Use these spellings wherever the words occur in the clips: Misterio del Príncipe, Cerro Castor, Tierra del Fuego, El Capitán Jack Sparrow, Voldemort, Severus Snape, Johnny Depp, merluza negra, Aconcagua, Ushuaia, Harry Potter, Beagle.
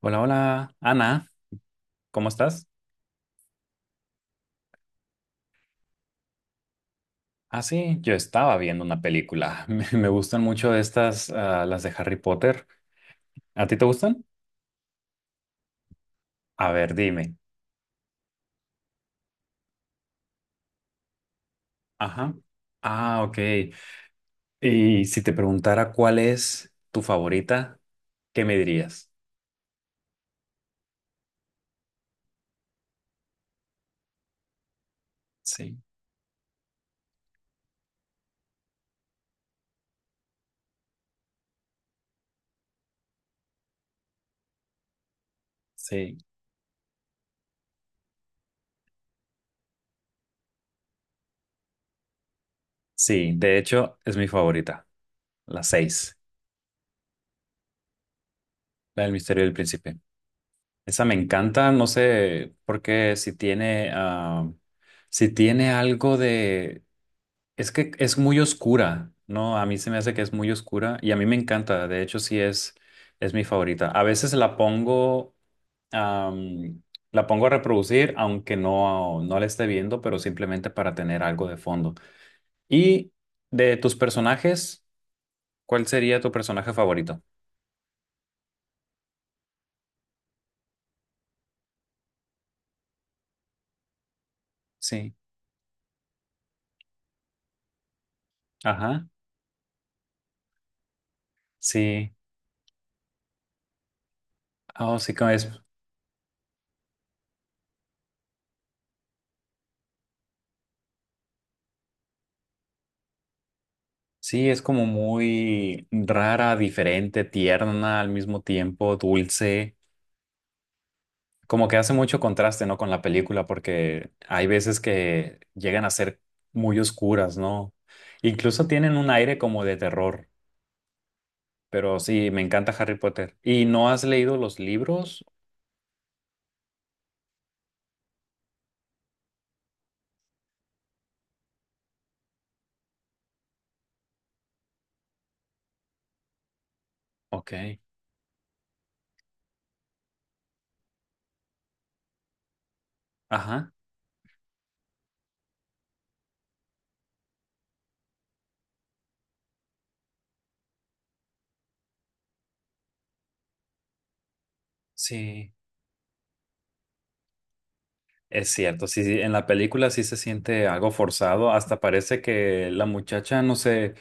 Hola, hola, Ana, ¿cómo estás? Ah, sí, yo estaba viendo una película. Me gustan mucho estas, las de Harry Potter. ¿A ti te gustan? A ver, dime. Ajá. Ah, ok. Y si te preguntara cuál es tu favorita, ¿qué me dirías? Sí, sí. Sí, de hecho, es mi favorita, la seis, la del Misterio del Príncipe. Esa me encanta, no sé, porque si tiene, si tiene algo de. Es que es muy oscura, ¿no? A mí se me hace que es muy oscura y a mí me encanta. De hecho, es mi favorita. A veces la pongo, am, la pongo a reproducir, aunque no la esté viendo, pero simplemente para tener algo de fondo. Y de tus personajes, ¿cuál sería tu personaje favorito? Sí. Ajá. Sí. Oh, sí que es. Sí, es como muy rara, diferente, tierna, al mismo tiempo, dulce. Como que hace mucho contraste, ¿no? Con la película, porque hay veces que llegan a ser muy oscuras, ¿no? Incluso tienen un aire como de terror, pero sí, me encanta Harry Potter. ¿Y no has leído los libros? Ok, ajá, sí, es cierto, sí, sí, en la película sí se siente algo forzado, hasta parece que la muchacha, no sé,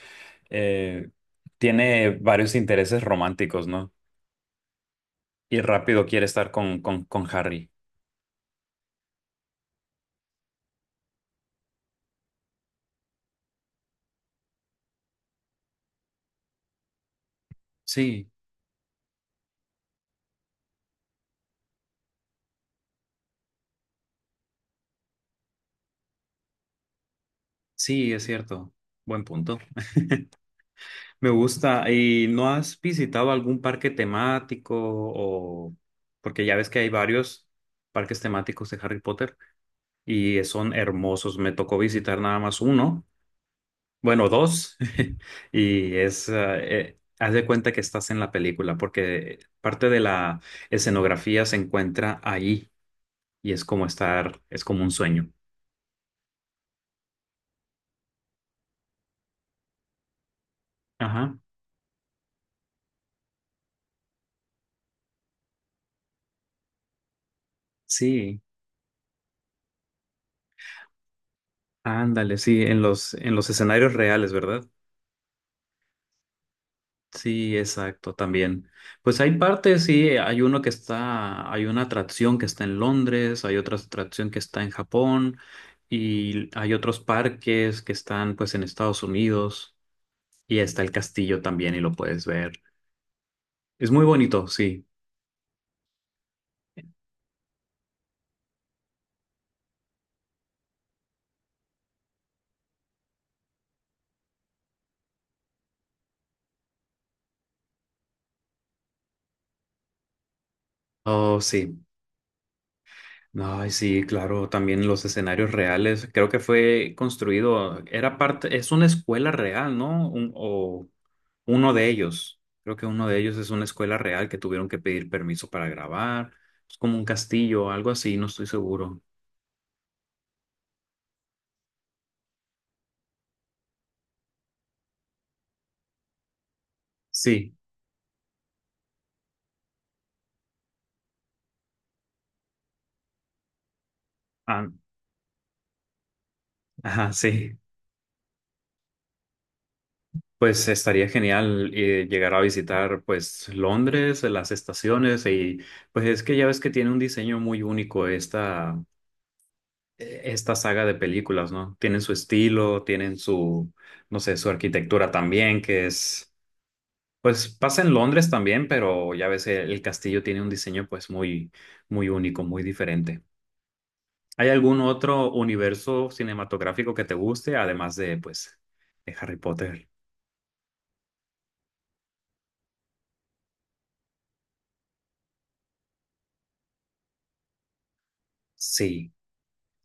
eh, tiene varios intereses románticos, ¿no? Y rápido quiere estar con Harry. Sí. Sí, es cierto. Buen punto. Me gusta. ¿Y no has visitado algún parque temático o porque ya ves que hay varios parques temáticos de Harry Potter y son hermosos? Me tocó visitar nada más uno, bueno, dos, y es haz de cuenta que estás en la película porque parte de la escenografía se encuentra ahí y es como un sueño. Ajá. Sí, ándale, sí, en los escenarios reales, ¿verdad? Sí, exacto, también. Pues hay partes, sí, hay uno que está, hay una atracción que está en Londres, hay otra atracción que está en Japón y hay otros parques que están pues en Estados Unidos y está el castillo también y lo puedes ver. Es muy bonito, sí. Oh, sí. Ay, sí, claro, también los escenarios reales. Creo que fue construido, era parte, es una escuela real, ¿no? O uno de ellos. Creo que uno de ellos es una escuela real que tuvieron que pedir permiso para grabar. Es como un castillo, algo así, no estoy seguro. Sí, ah, ajá, sí. Pues estaría genial llegar a visitar, pues, Londres, las estaciones y, pues, es que ya ves que tiene un diseño muy único esta. Esta saga de películas, ¿no? Tienen su estilo, tienen su, no sé, su arquitectura también, que es, pues pasa en Londres también, pero ya ves, el castillo tiene un diseño pues muy, muy único, muy diferente. ¿Hay algún otro universo cinematográfico que te guste, además de, pues, de Harry Potter? Sí,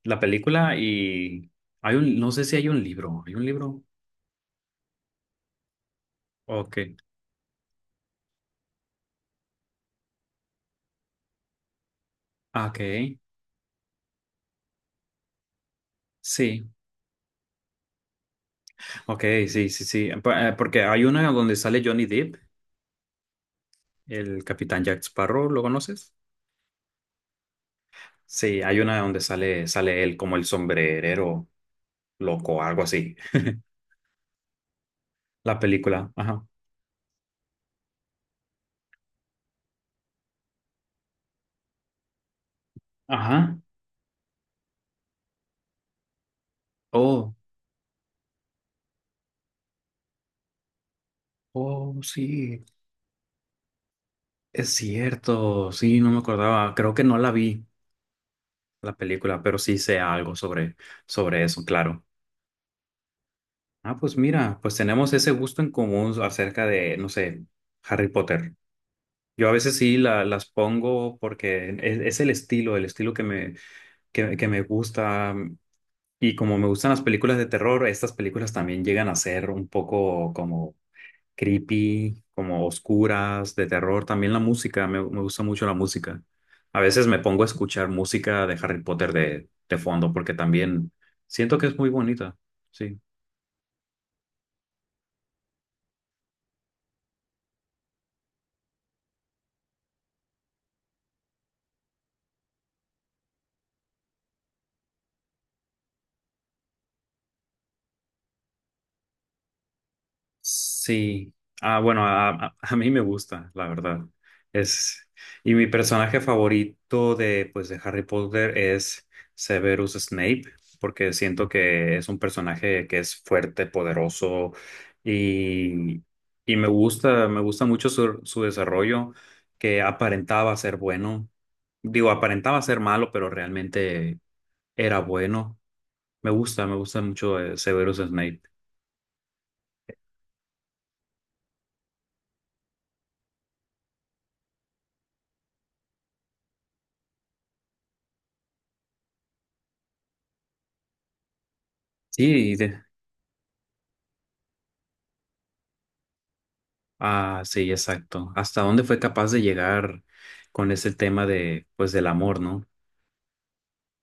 la película y hay un, no sé si hay un libro, ¿hay un libro? Ok, ah, ok, sí, ok, sí, sí, sí, porque hay una donde sale Johnny Depp. El Capitán Jack Sparrow, ¿lo conoces? Sí, hay una donde sale él como el sombrerero loco, algo así. La película, ajá. Ajá. Oh, oh, sí, es cierto. Sí, no me acordaba. Creo que no la vi la película, pero sí sé algo sobre eso, claro. Ah, pues mira, pues tenemos ese gusto en común acerca de, no sé, Harry Potter. Yo a veces sí las pongo porque es el estilo que me gusta. Y como me gustan las películas de terror, estas películas también llegan a ser un poco como creepy, como oscuras, de terror. También la música, me gusta mucho la música. A veces me pongo a escuchar música de Harry Potter de fondo porque también siento que es muy bonita. Sí. Sí, ah, bueno, a mí me gusta, la verdad. Es, y mi personaje favorito de, pues, de Harry Potter es Severus Snape, porque siento que es un personaje que es fuerte, poderoso y, y me gusta mucho su desarrollo, que aparentaba ser bueno. Digo, aparentaba ser malo, pero realmente era bueno. Me gusta mucho Severus Snape. Sí, ah, sí, exacto. ¿Hasta dónde fue capaz de llegar con ese tema de, pues, del amor, ¿no?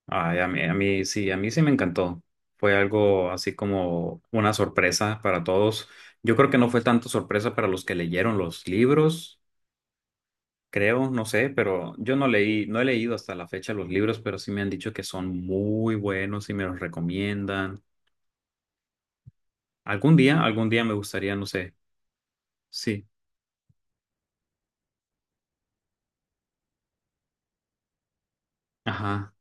Ay, a mí sí me encantó. Fue algo así como una sorpresa para todos. Yo creo que no fue tanto sorpresa para los que leyeron los libros, creo, no sé, pero yo no leí, no he leído hasta la fecha los libros, pero sí me han dicho que son muy buenos y me los recomiendan. Algún día me gustaría, no sé. Sí. Ajá.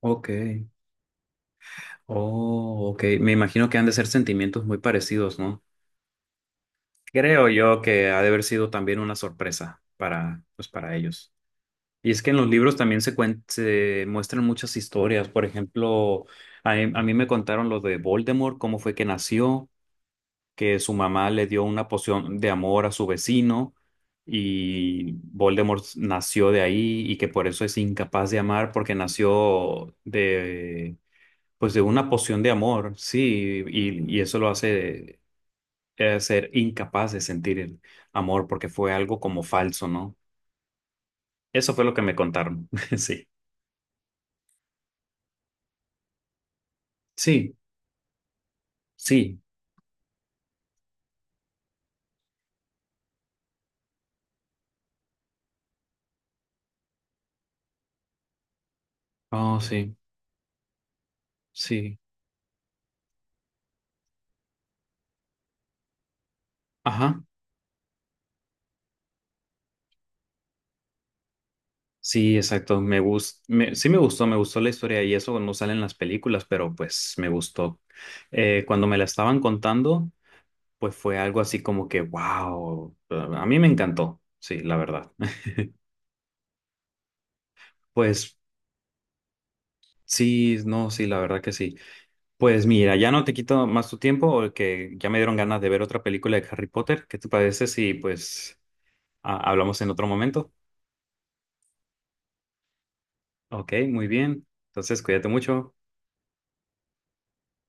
Ok. Oh, ok. Me imagino que han de ser sentimientos muy parecidos, ¿no? Creo yo que ha de haber sido también una sorpresa para, pues, para ellos. Y es que en los libros también se muestran muchas historias. Por ejemplo, a mí me contaron lo de Voldemort, cómo fue que nació, que su mamá le dio una poción de amor a su vecino y Voldemort nació de ahí y que por eso es incapaz de amar porque nació pues de una poción de amor, sí, y eso lo hace ser incapaz de sentir el amor porque fue algo como falso, ¿no? Eso fue lo que me contaron, sí. Sí, sí, oh, sí, sí, ajá, sí, exacto, sí me gustó la historia y eso no sale en las películas, pero pues me gustó. Cuando me la estaban contando, pues fue algo así como que, wow, a mí me encantó, sí, la verdad. Pues sí, no, sí, la verdad que sí. Pues mira, ya no te quito más tu tiempo, porque ya me dieron ganas de ver otra película de Harry Potter. ¿Qué te parece si pues hablamos en otro momento? Ok, muy bien. Entonces, cuídate mucho.